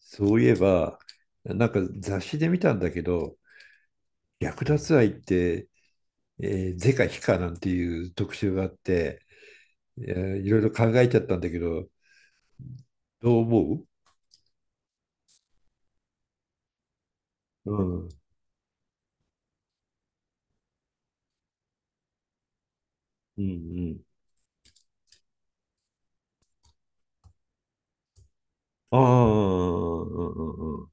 そういえば、雑誌で見たんだけど、略奪愛って、是か非かなんていう特集があって、いろいろ考えちゃったんだけど、どう思ううん。うんうん。ああ、うんうんうん。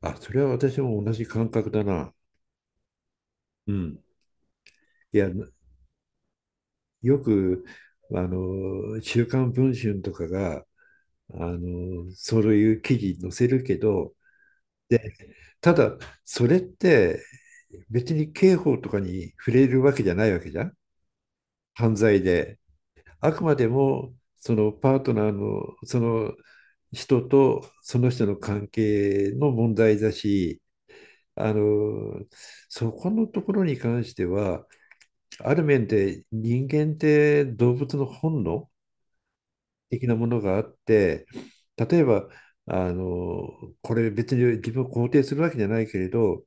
あ、それは私も同じ感覚だな。うん。いや、よく、週刊文春とかが、そういう記事載せるけど、ただ、それって別に刑法とかに触れるわけじゃないわけじゃん。犯罪で。あくまでも、そのパートナーの、その人とその人の関係の問題だし、あの、そこのところに関しては、ある面で人間って動物の本能的なものがあって、例えば、あの、これ別に自分を肯定するわけじゃないけれど、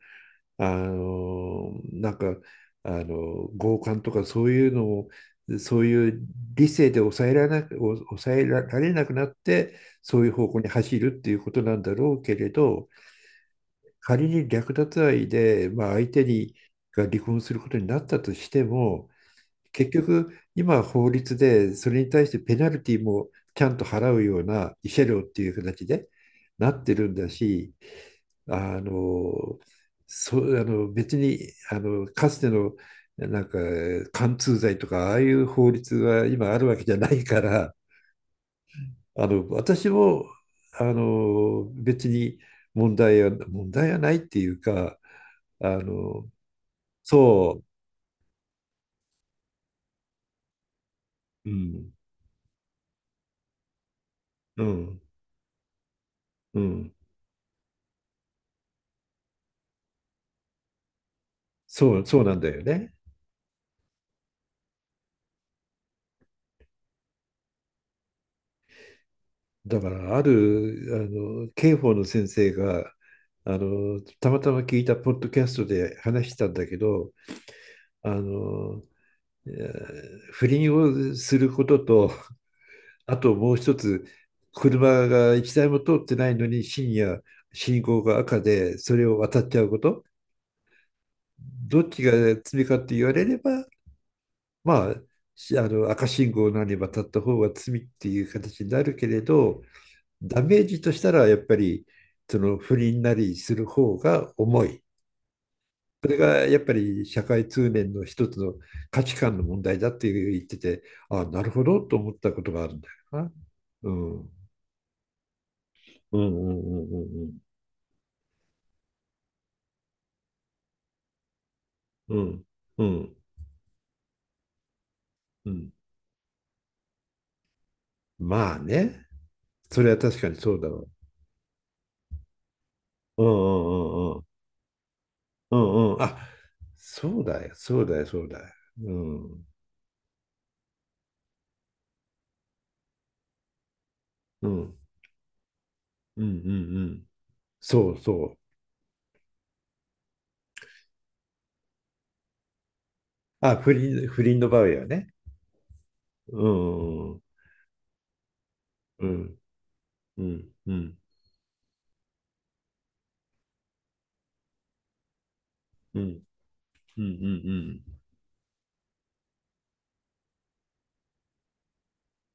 あのなんか強姦とかそういうのをそういう理性で抑えられなく、抑えられなくなってそういう方向に走るっていうことなんだろうけれど、仮に略奪愛で、まあ、相手にが離婚することになったとしても、結局、今は法律で、それに対してペナルティもちゃんと払うような慰謝料っていう形でなってるんだし、あの、そう、別に、かつての、なんか、貫通罪とか、ああいう法律が今あるわけじゃないから、私も、別に問題はないっていうか、あの、そう、うん、うん、うん。そう、そうなんだよね。だから、ある、刑法の先生が、たまたま聞いたポッドキャストで話したんだけど、あの、不倫をすることと、あともう一つ、車が一台も通ってないのに深夜、信号が赤で、それを渡っちゃうこと、どっちが罪かって言われれば、まあ、しあの赤信号なり渡った方が罪っていう形になるけれど、ダメージとしたらやっぱりその不倫なりする方が重い。それがやっぱり社会通念の一つの価値観の問題だって言ってて、ああ、なるほどと思ったことがあるんだよな。うん。うんうんうんうんうん。うん。うん。まあね。それは確かにそうだわ。うんうんうんうん。うんうん。あ、そうだよ。そうだよ。そうだよ。うん。うん。うんうんうん。そうそう。あ、不倫の場合はね。うん、うん、うん、うん、うん、うん、うん、うん、うん、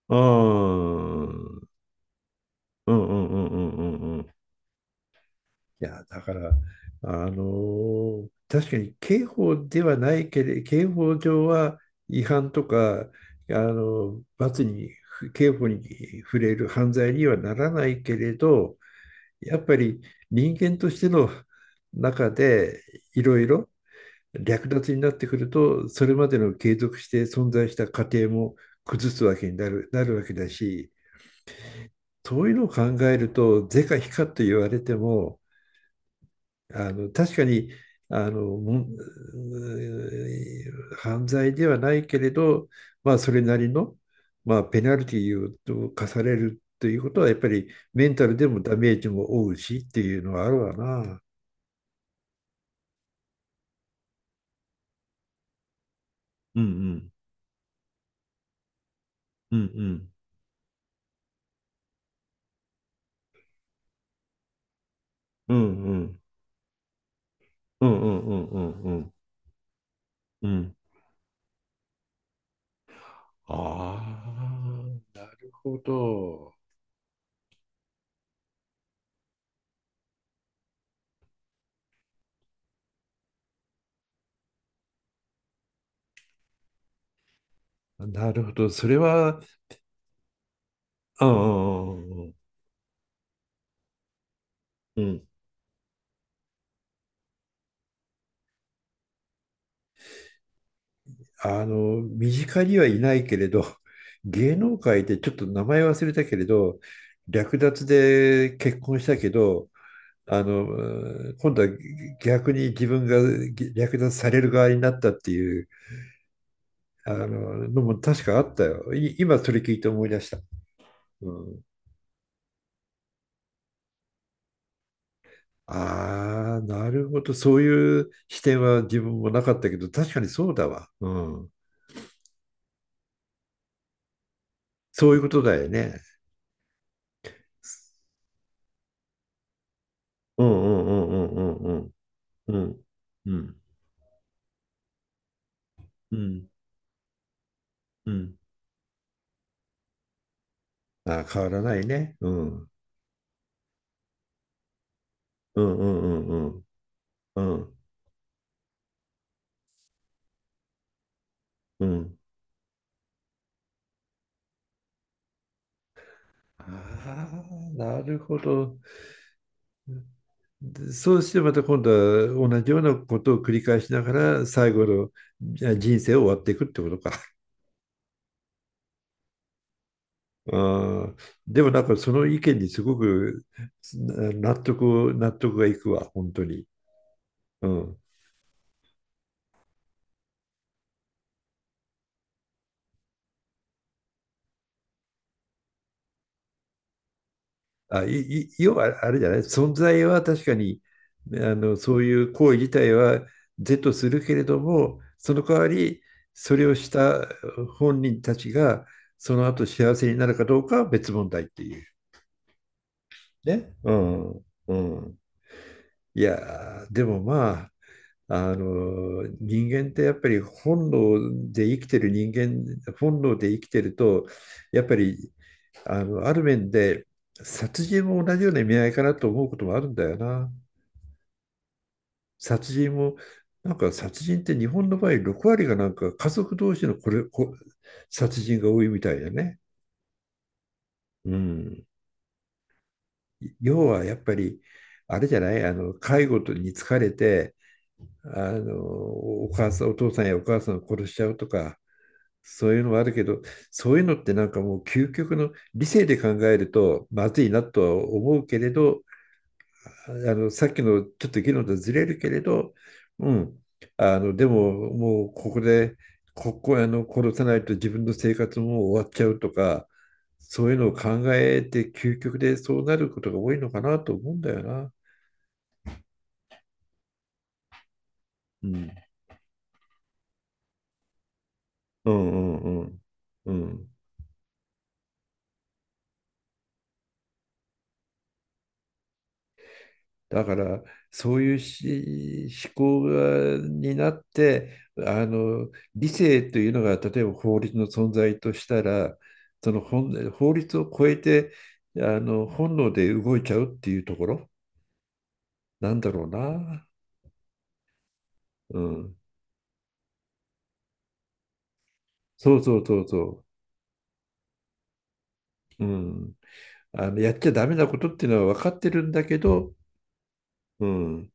うん、うん、うん、うん、うん。うん、いや、だから、確かに刑法ではないけれ、刑法上は違反とか、あの罰に、刑法に触れる犯罪にはならないけれど、やっぱり人間としての中でいろいろ、略奪になってくると、それまでの継続して存在した過程も崩すわけになる、なるわけだし、そういうのを考えると、是か非かと言われても、確かにあの犯罪ではないけれど、まあ、それなりの、まあ、ペナルティーを課されるということは、やっぱりメンタルでもダメージも負うしっていうのはあるわな。うんうんうんうんうんうんうんうんうんうんうん、ああ、なるほど。なるほど。それは、うんうん。あの、身近にはいないけれど、芸能界でちょっと名前忘れたけれど、略奪で結婚したけど、うん、今度は逆に自分が略奪される側になったっていう、のも確かあったよ。い、今それ聞いて思い出した。うん、ああ、なるほど。そういう視点は自分もなかったけど、確かにそうだわ。うん。そういうことだよね。うんうんうんうんうんうんうんうんうん、ああ、変わらないね。うん。うんうんうんうんうんうん。ああ、なるほど。で、そうしてまた今度は同じようなことを繰り返しながら最後のじゃあ人生を終わっていくってことか。ああ、でもその意見にすごく納得がいくわ、本当に。うん。あ、い、い、要はあれじゃない、存在は確かに、そういう行為自体は是とするけれども、その代わり、それをした本人たちが、その後幸せになるかどうかは別問題っていう。ね。うん。うん。いやー、でもまあ、人間ってやっぱり本能で生きてると、やっぱりある面で殺人も同じような意味合いかなと思うこともあるんだよな。殺人も、殺人って日本の場合6割が家族同士のこれこ殺人が多いみたいだね。うん、要はやっぱりあれじゃない、あの介護に疲れて、あのお母さん、お父さんやお母さんを殺しちゃうとか、そういうのはあるけど、そういうのってもう究極の理性で考えるとまずいなとは思うけれど、あのさっきのちょっと議論とずれるけれど、うん、あの、でももうここで、ここあの殺さないと自分の生活も終わっちゃうとか、そういうのを考えて究極でそうなることが多いのかなと思うんだよな。うん、うん、うん、うん。うん、だから、そういう思考になって、あの理性というのが例えば法律の存在としたら、その法律を超えて、あの本能で動いちゃうっていうところなんだろうな、うん、そうそうそうそう、うん、あのやっちゃダメなことっていうのは分かってるんだけど、うん、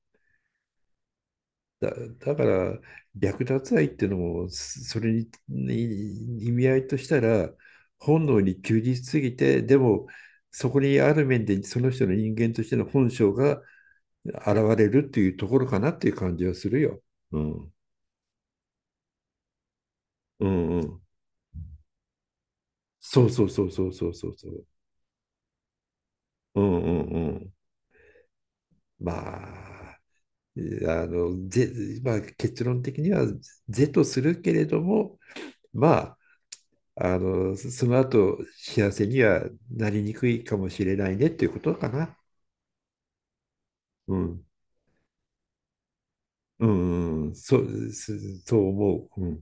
だ、だから略奪愛っていうのも、それに意味合いとしたら本能に忠実すぎて、でもそこにある面でその人の人間としての本性が現れるっていうところかなっていう感じはするよ。うん。うんうん。そうそうそうそうそうそうそう。うんうんうん。まあ、いや、あの、ぜ、まあ、結論的には是とするけれども、まあ、あの、その後、幸せにはなりにくいかもしれないねっていうことかな。うん。うん、うん、そう、す、そう思う。うん。